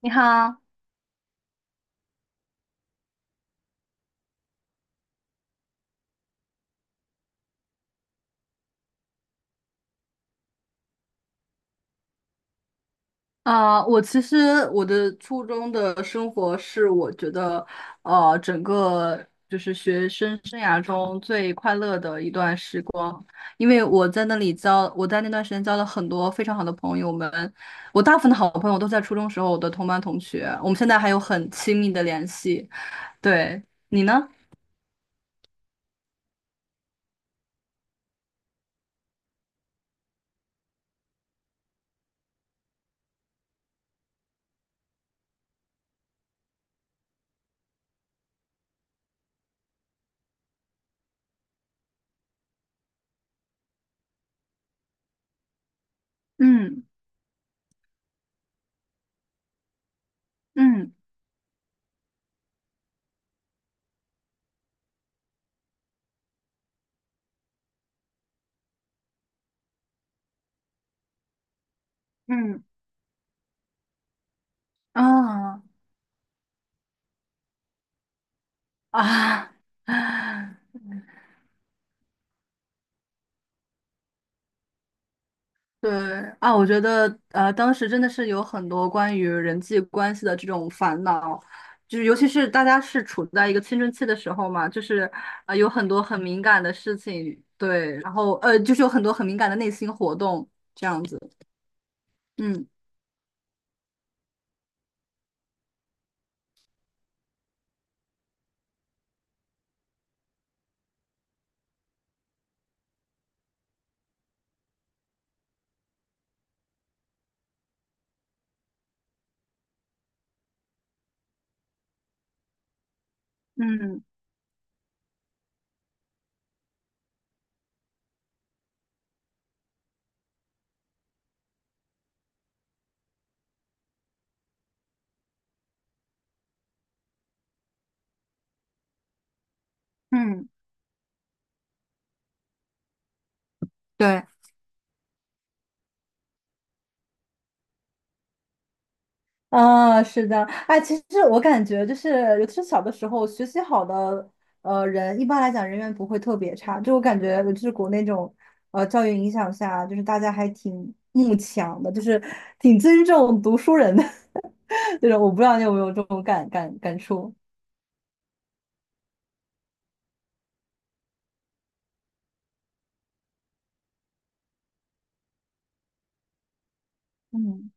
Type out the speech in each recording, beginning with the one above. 你好。我其实我的初中生活我觉得,整个就是学生生涯中最快乐的一段时光，因为我在那段时间交了很多非常好的朋友们。我大部分的好朋友都在初中时候我的同班同学，我们现在还有很亲密的联系。对，你呢？嗯，嗯，嗯，啊，啊！对啊，我觉得当时真的是有很多关于人际关系的这种烦恼，就是尤其是大家是处在一个青春期的时候嘛，就是有很多很敏感的事情，对。然后就是有很多很敏感的内心活动这样子。嗯，嗯，嗯，对。啊，是的。哎，其实我感觉就是，尤其是小的时候，学习好的人，一般来讲人缘不会特别差。就我感觉，就是国内这种教育影响下，就是大家还挺慕强的，就是挺尊重读书人的 这种。我不知道你有没有这种感触？嗯，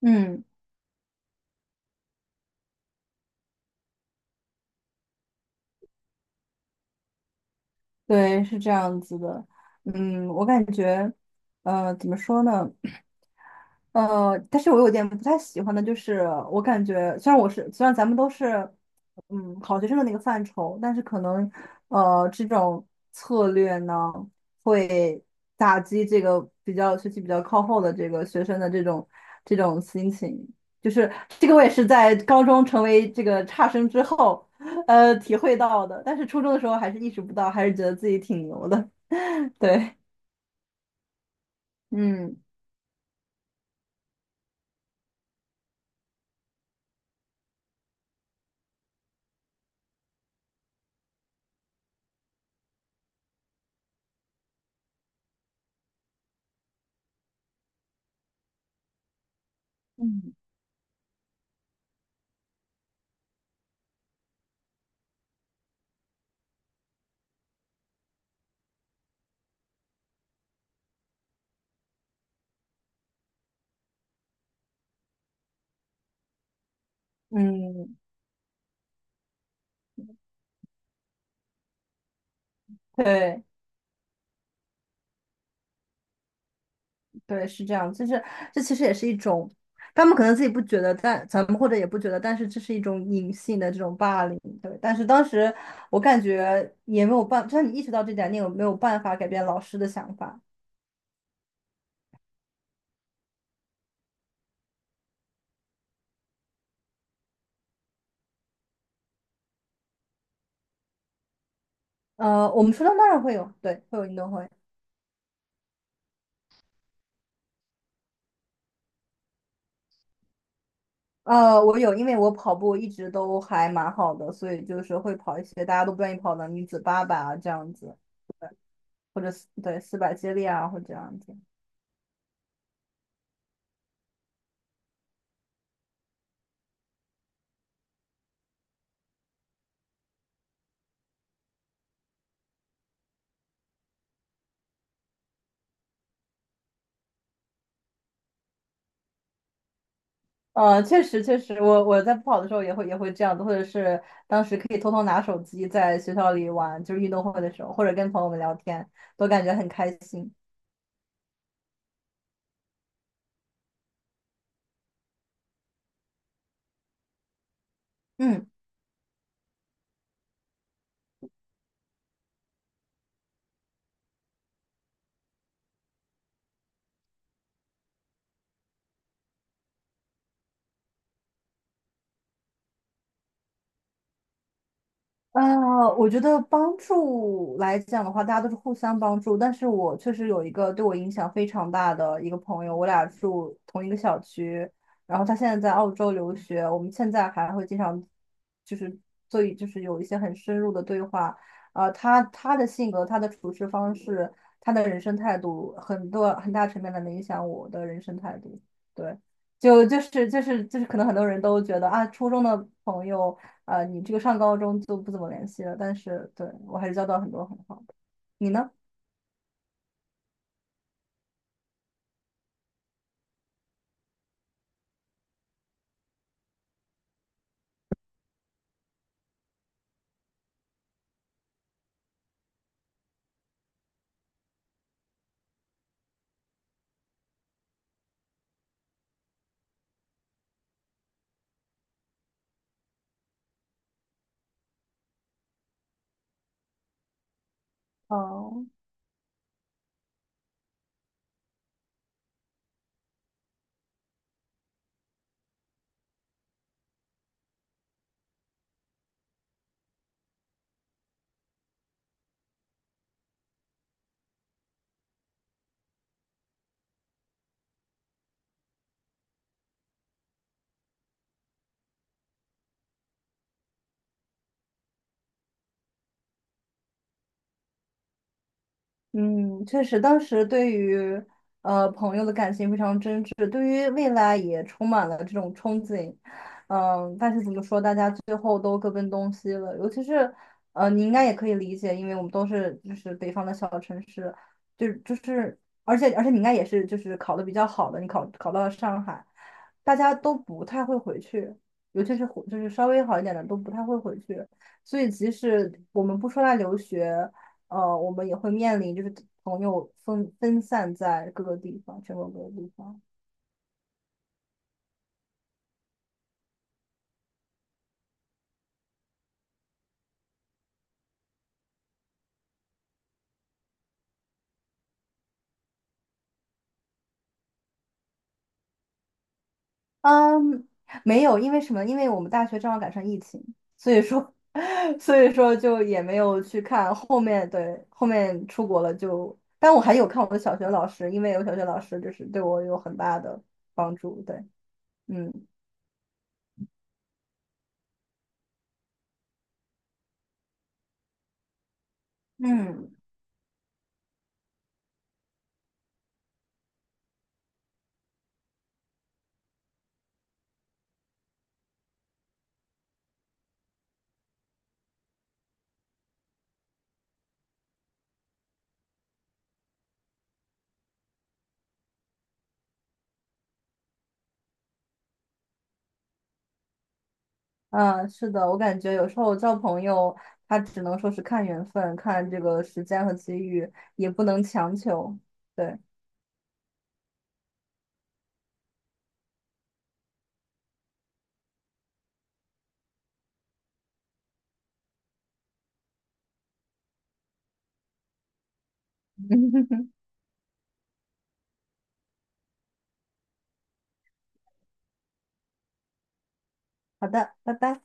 嗯，对，是这样子的。嗯，我感觉，怎么说呢？但是我有点不太喜欢的就是，我感觉虽然咱们都是，嗯，好学生的那个范畴，但是可能，这种策略呢，会打击这个学习比较靠后的这个学生的这种心情。就是这个，我也是在高中成为这个差生之后，体会到的。但是初中的时候还是意识不到，还是觉得自己挺牛的。对，嗯，嗯，嗯，对。对，是这样，就是这其实也是一种，他们可能自己不觉得，但咱们或者也不觉得，但是这是一种隐性的这种霸凌，对。但是当时我感觉也没有办，就算你意识到这点，你也没有办法改变老师的想法。我们初中当然会有，对，会有运动会。我有，因为我跑步一直都还蛮好的，所以就是会跑一些大家都不愿意跑的女子八百啊这样子，或者四对四百接力啊或者这样子。确实确实，我在不跑的时候也会这样子，或者是当时可以偷偷拿手机在学校里玩，就是运动会的时候，或者跟朋友们聊天，都感觉很开心。嗯。呃，我觉得帮助来讲的话，大家都是互相帮助。但是我确实有一个对我影响非常大的一个朋友，我俩住同一个小区，然后他现在在澳洲留学，我们现在还会经常就是所以就是有一些很深入的对话。他的性格、他的处事方式、他的人生态度，很多很大层面的能影响我的人生态度。对，就是,可能很多人都觉得啊，初中的朋友，你这个上高中就不怎么联系了，但是对我还是交到很多很好的。你呢？哦，嗯，确实，当时对于朋友的感情非常真挚，对于未来也充满了这种憧憬。嗯，但是怎么说，大家最后都各奔东西了。尤其是你应该也可以理解，因为我们都是就是北方的小城市，就就是，而且你应该也是就是考的比较好的，你考到了上海，大家都不太会回去，尤其是回就是稍微好一点的都不太会回去。所以即使我们不说来留学，我们也会面临就是朋友分散在各个地方，全国各个地方。嗯，没有。因为什么？因为我们大学正好赶上疫情，所以说，所以说就也没有去看后面，对，后面出国了就，但我还有看我的小学老师，因为有小学老师就是对我有很大的帮助，对。嗯，嗯，嗯，是的，我感觉有时候交朋友，他只能说是看缘分，看这个时间和机遇，也不能强求，对。嗯，好的，拜拜。